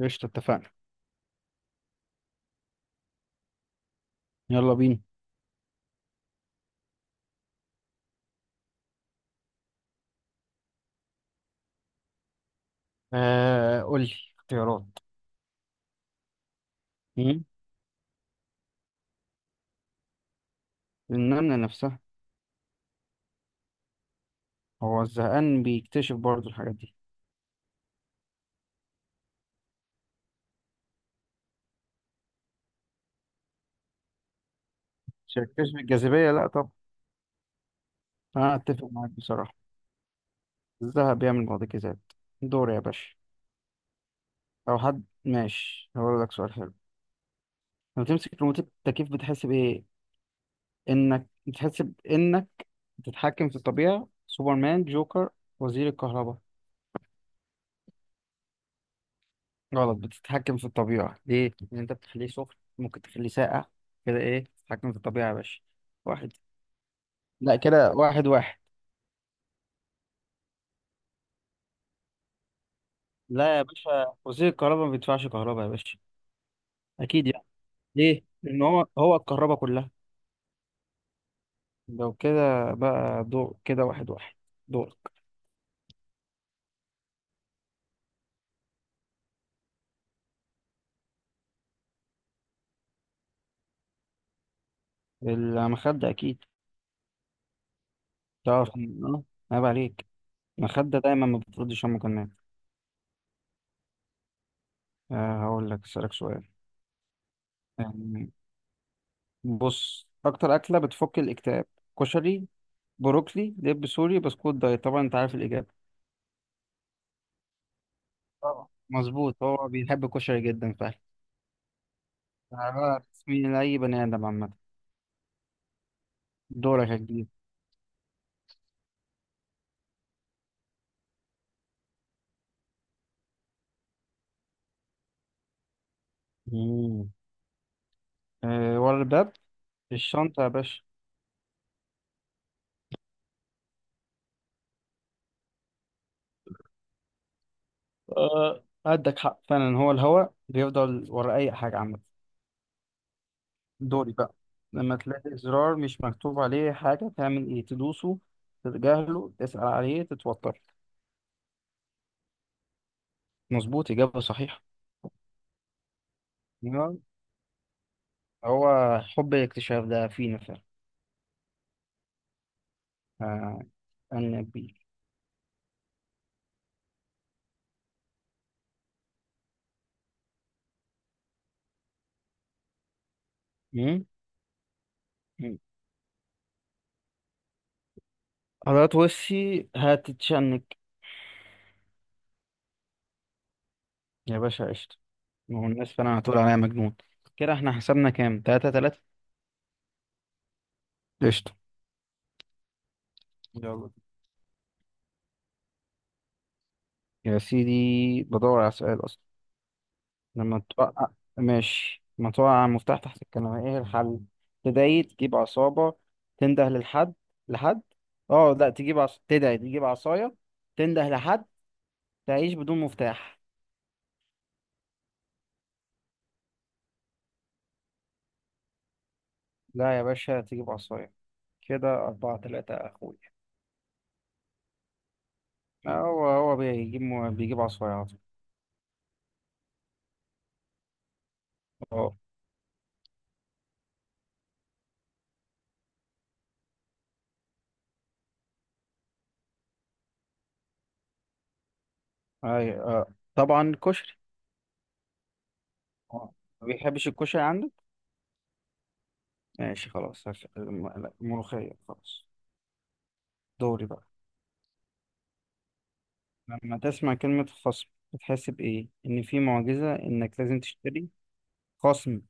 قشطة، اتفقنا. يلا بينا. آه، قول لي اختيارات. مم. النملة نفسها. هو الزهقان بيكتشف برضه الحاجات دي؟ شكلش الجاذبية، لا طب. أنا أتفق معاك بصراحة. الذهب بيعمل معجزات. دور يا باشا. أو حد، ماشي، هقول لك سؤال حلو. لما تمسك ريموت التكييف بتحس بإيه؟ إنك بتحس بإنك بتتحكم في الطبيعة، سوبرمان، جوكر، وزير الكهرباء. غلط، بتتحكم في الطبيعة ليه؟ لأن أنت بتخليه سخن ممكن تخليه ساقع، كده إيه، تتحكم في الطبيعة يا باشا. واحد، لا كده واحد واحد. لا يا باشا، وزير الكهرباء ما بيدفعش كهرباء يا باشا، أكيد يعني. ليه؟ لأن هو الكهرباء كلها. لو كده بقى دور كده، واحد واحد. دور. المخدة أكيد. تعرف إن- أه عيب عليك. المخدة دايما ما بتردش، أمك النايم. آه، هقول لك أسألك سؤال، يعني بص، أكتر أكلة بتفك الاكتئاب، كشري، بروكلي، دب سوري، بسكوت دايت. طبعا انت عارف الاجابه. طبعا مظبوط، هو بيحب الكشري جدا فعلا. عبارة تسمين لاي بني ادم عامه. دورك يا كبير. مم. أه، ورا الباب. في الشنطه يا باشا. أه، عندك حق فعلا، هو الهوا بيفضل ورا اي حاجه عامه. دوري بقى. لما تلاقي زرار مش مكتوب عليه حاجه، تعمل ايه؟ تدوسه، تتجاهله، تسأل عليه، تتوتر. مظبوط، اجابه صحيحه. أيوة، هو حب الاكتشاف ده فينا فعلا. آه، أنا بيه. مم؟ مم. حضرات وشي هتتشنج. يا باشا قشطة، ما هو الناس فعلا هتقول عليا مجنون. كده احنا حسبنا كام؟ تلاتة تلاتة. قشطة. يلا. يا سيدي، بدور على سؤال أصلا. لما توقع ماشي، لما توقع المفتاح تحت الكنبة ايه الحل؟ تدعي، تجيب عصابة، تنده للحد، لحد اه لا تدعي تجيب عصاية، تنده لحد، تعيش بدون مفتاح. لا يا باشا، تجيب عصاية. كده أربعة تلاتة يا أخوي. هو بيجيب عصايات. اه، اي اه طبعا كشري. آه. ما بيحبش الكشري عندك؟ ماشي خلاص، لا، الملوخية خلاص. دوري بقى. لما تسمع كلمة خصم بتحس بإيه؟ إن في معجزة إنك لازم تشتري. خصم.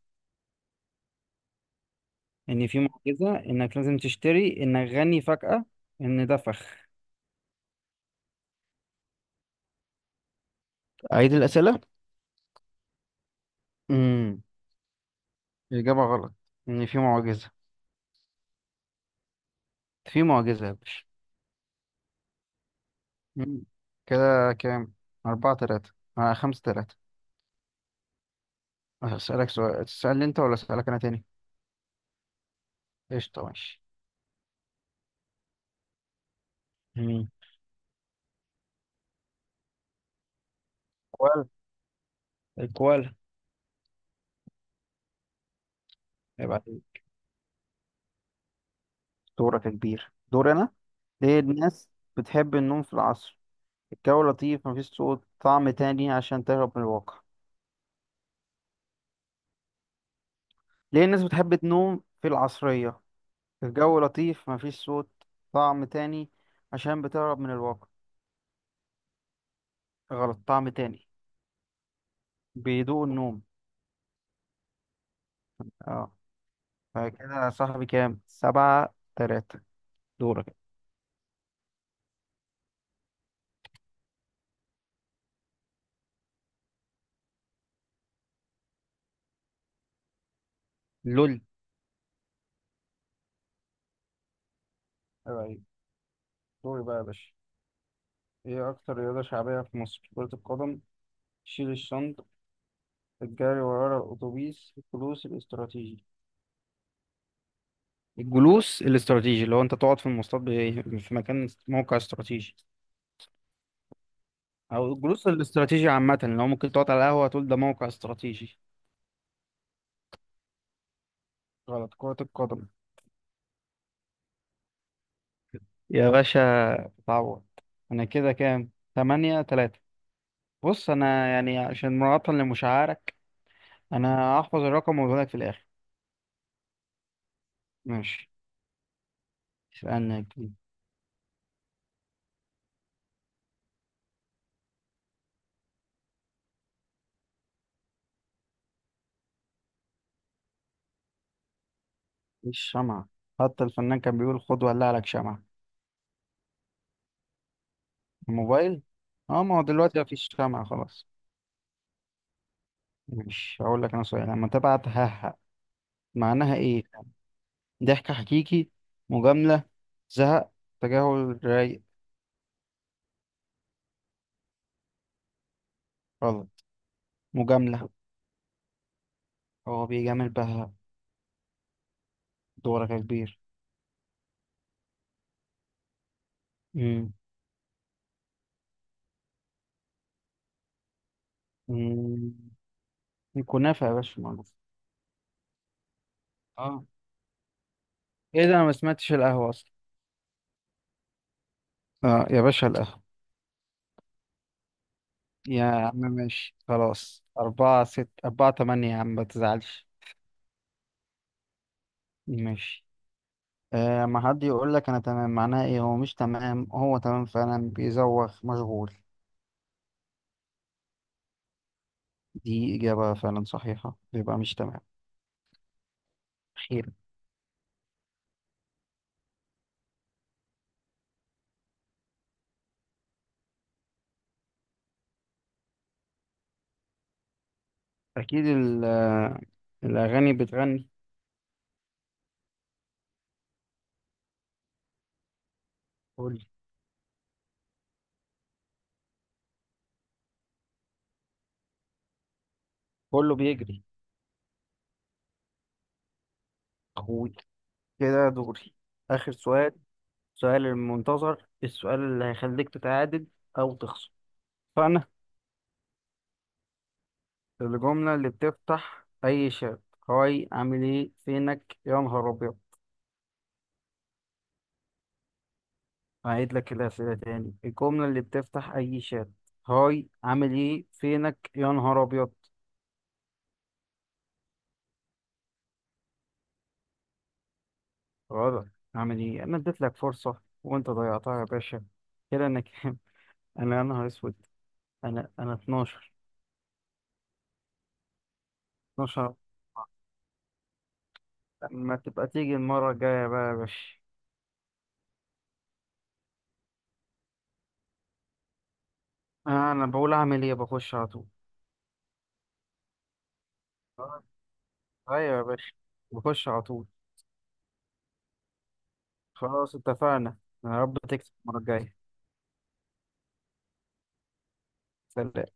إن في معجزة إنك لازم تشتري، إنك غني فجأة، إن ده فخ. أعيد الأسئلة. امم الإجابة غلط، إن في معجزة. في معجزة يا باشا. مم. كده كام؟ أربعة تلاتة. آه، خمسة تلاتة. هسألك سؤال، تسألني أنت ولا أسألك أنا تاني؟ قشطة، ماشي. مم. كوال الكوالا. يبقى دورك يا كبير، دور أنا. ليه الناس بتحب النوم في العصر؟ الجو لطيف، مفيش صوت، طعم تاني، عشان تهرب من الواقع. ليه الناس بتحب تنوم في العصرية؟ الجو لطيف، مفيش صوت، طعم تاني، عشان بتهرب من الواقع. غلط، طعم تاني، بيدوق النوم. اه. فكده يا صاحبي كام؟ سبعة تلاتة. دورك. لول. أيوة، دوري بقى يا باشا. ايه اكتر رياضة شعبية في مصر؟ كرة القدم، شيل الشنط، الجري ورا الاتوبيس، الجلوس الاستراتيجي. الجلوس الاستراتيجي اللي هو انت تقعد في المواصلات في مكان موقع استراتيجي. او الجلوس الاستراتيجي عامة، اللي هو ممكن تقعد على القهوة تقول ده موقع استراتيجي. غلط، كرة القدم يا باشا، اتعوض. انا كده كام؟ تمانية تلاتة. بص، انا يعني عشان مراعاة لمشاعرك انا هحفظ الرقم واقول لك في الاخر. ماشي، اسألني. مفيش شمعة، حتى الفنان كان بيقول خد ولع لك شمعة. الموبايل. اه، ما هو دلوقتي مفيش شمعة خلاص. مش هقول لك انا سؤال، لما تبعت ههق معناها ايه؟ ضحك حكيكي، مجاملة، زهق، تجاهل رايق. غلط، مجاملة. هو بيجامل بها. دورك يا كبير. امم أمم. الكنافة يا باشا معروف. اه، ايه ده، انا ما سمعتش القهوة اصلا. اه يا باشا، القهوة. يا عم ماشي خلاص، أربعة ست، أربعة تمانية، يا عم ما تزعلش. ماشي. آه، ما حد يقول لك انا تمام معناه ايه؟ هو مش تمام، هو تمام فعلا بيزوغ مشغول. دي اجابة فعلا صحيحة، بيبقى مش تمام. خير. اكيد الاغاني بتغني. كل كله بيجري. اخوي، كده دوري. اخر سؤال، سؤال المنتظر، السؤال اللي هيخليك تتعادل او تخسر فانا. الجملة اللي بتفتح اي شات، هاي، عامل ايه، فينك يا نهار ابيض. هعيد لك الأسئلة تاني، الجملة اللي بتفتح أي شات، هاي، عامل إيه، فينك يا نهار أبيض. غلط، عامل إيه، أنا اديت لك فرصة وأنت ضيعتها يا باشا. كده أنا كام؟ أنا يا نهار أسود، أنا 12. 12. لما تبقى تيجي المرة الجاية بقى يا باشا. آه، أنا بقول أعمل إيه؟ بخش على طول. آه، أيوة يا باشا، بخش على طول. خلاص اتفقنا. يا رب تكسب المرة الجاية. سلام.